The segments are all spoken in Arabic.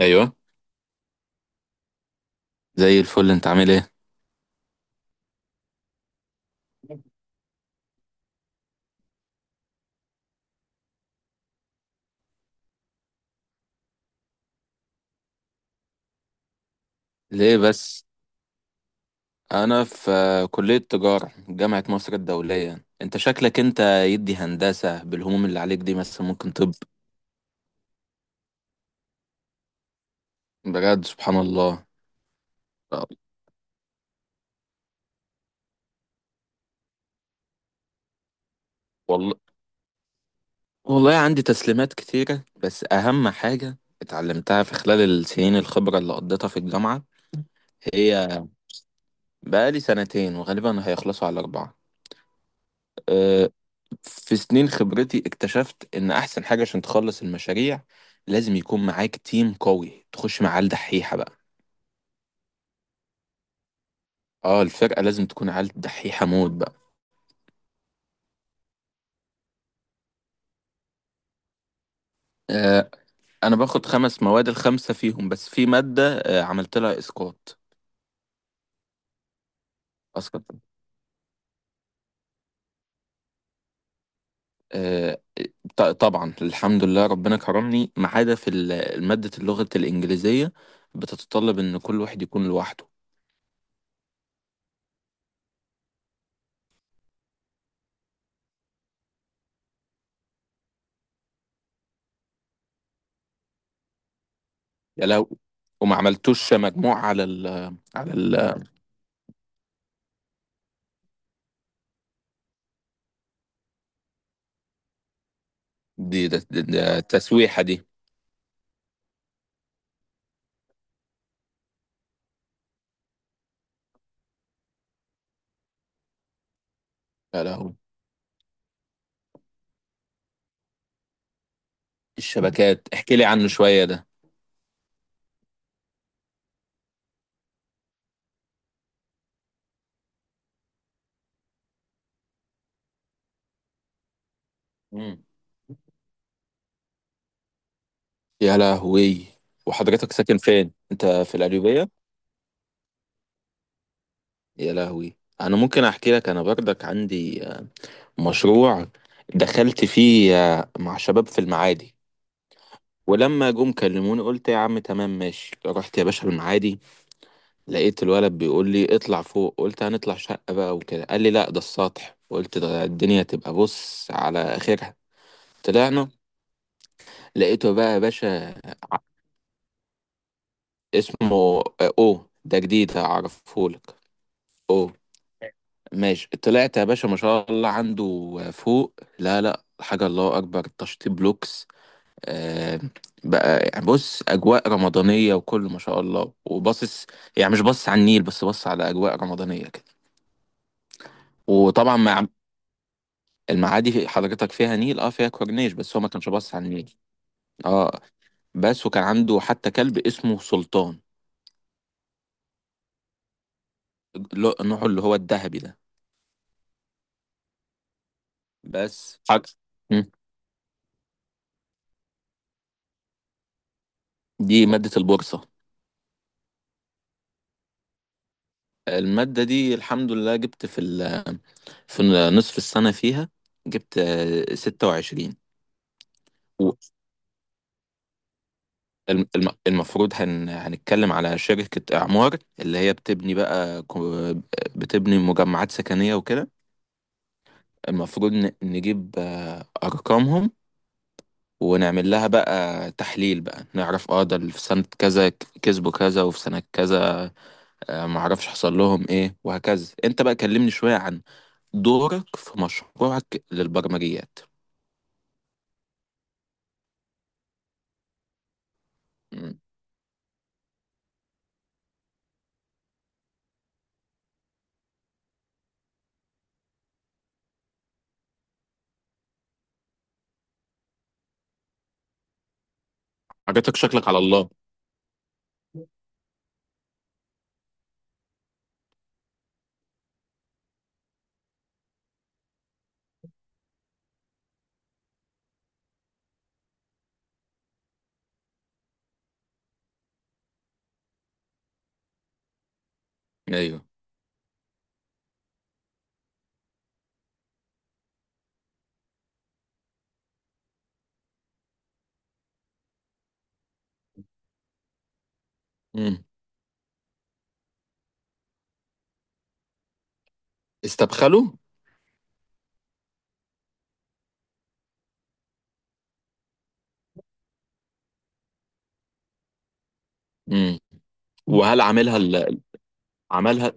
ايوه. زي الفل، انت عامل ايه؟ ليه بس؟ انا في كلية تجارة جامعة مصر الدولية. انت شكلك يدي هندسة بالهموم اللي عليك دي، بس ممكن. طب بجد سبحان الله. والله، والله عندي تسليمات كتيرة، بس اهم حاجة اتعلمتها في خلال السنين الخبرة اللي قضيتها في الجامعة. هي بقالي سنتين وغالبا هيخلصوا على اربعة. أه، في سنين خبرتي اكتشفت ان احسن حاجة عشان تخلص المشاريع لازم يكون معاك تيم قوي، تخش مع عيال دحيحة بقى. اه، الفرقة لازم تكون عيال دحيحة موت بقى. آه انا باخد خمس مواد، الخمسة فيهم، بس في مادة عملت لها اسقاط. اسقط. آه طبعا الحمد لله ربنا كرمني، ما عدا في مادة اللغة الإنجليزية، بتتطلب ان كل واحد يكون لوحده. يا لو، وما عملتوش مجموع على ال على ال دي ده- ده- ده التسويحة دي. يا لهوي، الشبكات احكي لي عنه شوية ده. مم. يا لهوي، وحضرتك ساكن فين؟ انت في القليوبية؟ يا لهوي، انا ممكن احكي لك. انا برضك عندي مشروع دخلت فيه مع شباب في المعادي. ولما جم كلموني قلت يا عم تمام ماشي، رحت يا باشا المعادي، لقيت الولد بيقول لي اطلع فوق. قلت هنطلع شقة بقى وكده، قال لي لا ده السطح. قلت ده الدنيا تبقى بص على اخرها. طلعنا، لقيته بقى يا باشا. اسمه او ده جديد، هعرفهولك. او ماشي. طلعت يا باشا ما شاء الله، عنده فوق لا لا حاجة، الله أكبر تشطيب لوكس. آه بقى، يعني بص، أجواء رمضانية وكله ما شاء الله، وباصص يعني مش باصص على النيل، بس باصص على أجواء رمضانية كده. وطبعا، مع المعادي حضرتك فيها نيل، اه فيها كورنيش، بس هو ما كانش باصص على النيل. اه بس، وكان عنده حتى كلب اسمه سلطان. نوعه اللي هو الذهبي ده. بس حاجة. دي مادة البورصة. المادة دي الحمد لله جبت في ال، في نصف السنة فيها جبت 26. والم- المفروض هنتكلم على شركة إعمار، اللي هي بتبني بقى بتبني مجمعات سكنية وكده. المفروض نجيب أرقامهم، ونعمل لها بقى تحليل، بقى نعرف اه ده اللي في سنة كذا كسبوا كذا، وفي سنة كذا معرفش حصل لهم ايه، وهكذا. انت بقى كلمني شوية عن دورك في مشروعك للبرمجيات. مم. حاجاتك شكلك على الله. ايوه. مم. استبخله. مم. وهل عاملها عملها؟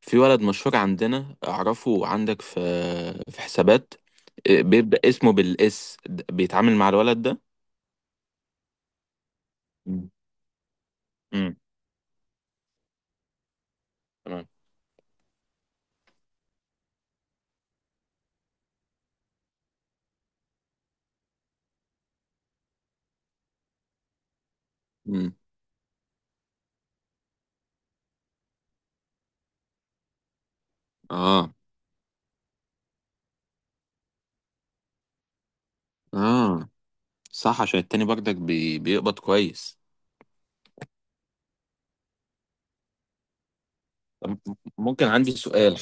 في ولد مشهور عندنا اعرفه، عندك في، في حسابات، إيه، بيبدأ اسمه بالاس بيتعامل مع الولد ده. مم. مم. تمام. مم. اه. اه صح، عشان التاني برضك بيقبض كويس. طب ممكن عندي سؤال.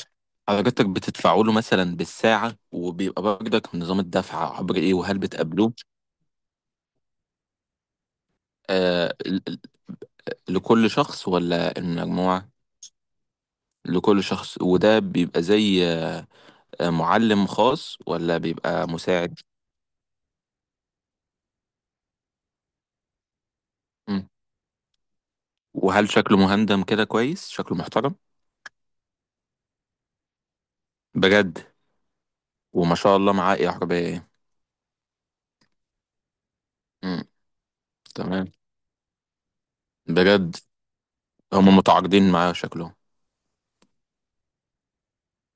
حضرتك بتدفعوا له مثلا بالساعة، وبيبقى برضك نظام الدفع عبر ايه، وهل بتقابلوه؟ آه ل- ل- لكل شخص ولا المجموعة؟ لكل شخص. وده بيبقى زي معلم خاص ولا بيبقى مساعد؟ مم. وهل شكله مهندم كده كويس؟ شكله محترم. بجد. وما شاء الله، معاه ايه عربية ايه؟ مم. تمام. بجد. هم متعاقدين معاه شكله.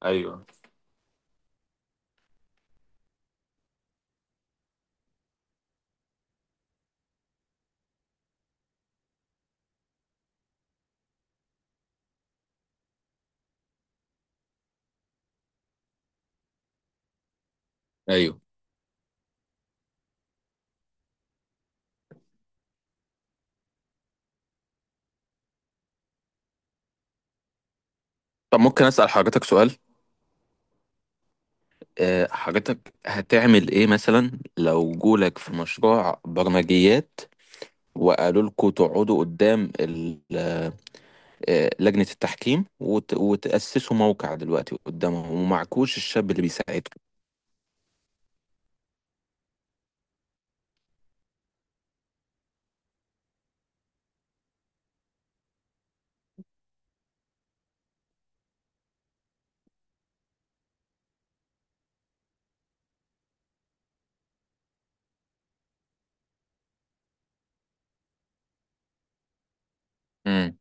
ايوه. ايوه. طب ممكن اسأل حضرتك سؤال. حضرتك هتعمل ايه مثلا لو جولك في مشروع برمجيات، وقالوا لكم تقعدوا قدام لجنة التحكيم وتأسسوا موقع دلوقتي قدامهم، ومعكوش الشاب اللي بيساعدكم؟ امم.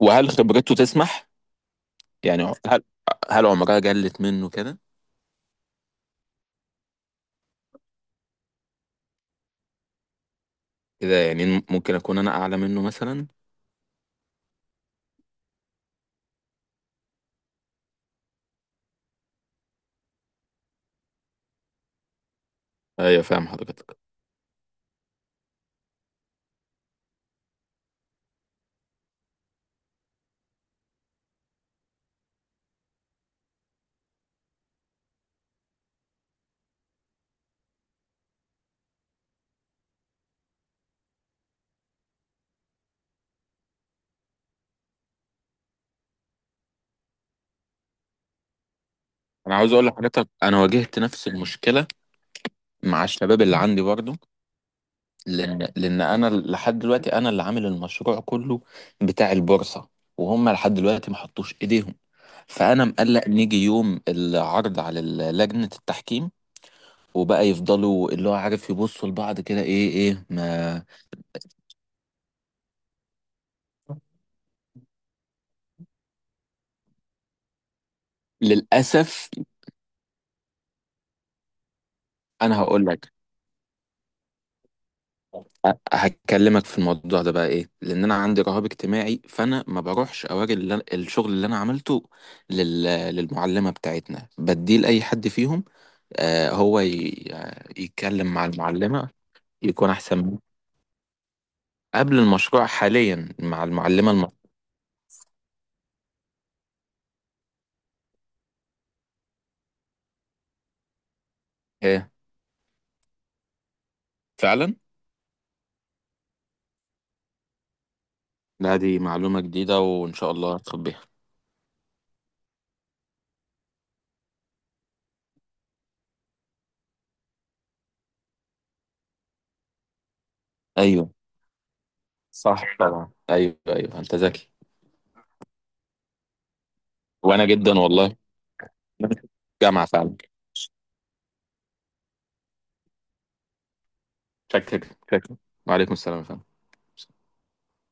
وهل خبرته تسمح؟ يعني هل، هل عمرها جلت منه كده؟ كده يعني ممكن اكون انا اعلى منه مثلا. ايوه، فاهم حضرتك. انا عاوز اقول لحضرتك انا واجهت نفس المشكلة مع الشباب اللي عندي برضه. لان انا لحد دلوقتي انا اللي عامل المشروع كله بتاع البورصه، وهم لحد دلوقتي ما حطوش ايديهم. فانا مقلق نيجي يوم العرض على لجنه التحكيم، وبقى يفضلوا اللي هو عارف يبصوا لبعض كده، ايه ايه ما. للاسف. انا هقول لك، هكلمك في الموضوع ده بقى ايه، لان انا عندي رهاب اجتماعي، فانا ما بروحش اوري اللي الشغل اللي انا عملته لل... للمعلمه بتاعتنا، بديه لاي حد فيهم. هو يتكلم مع المعلمة يكون أحسن منه. قبل المشروع، حاليا مع المعلمة المصرية. إيه، فعلا. لا، دي معلومة جديدة وإن شاء الله هتاخد بيها. أيوه صح، طبعا. أيوه أيوه أنت ذكي. وأنا جدا والله. جامعة فعلا. شكلك شكلك. وعليكم السلام يا فندم.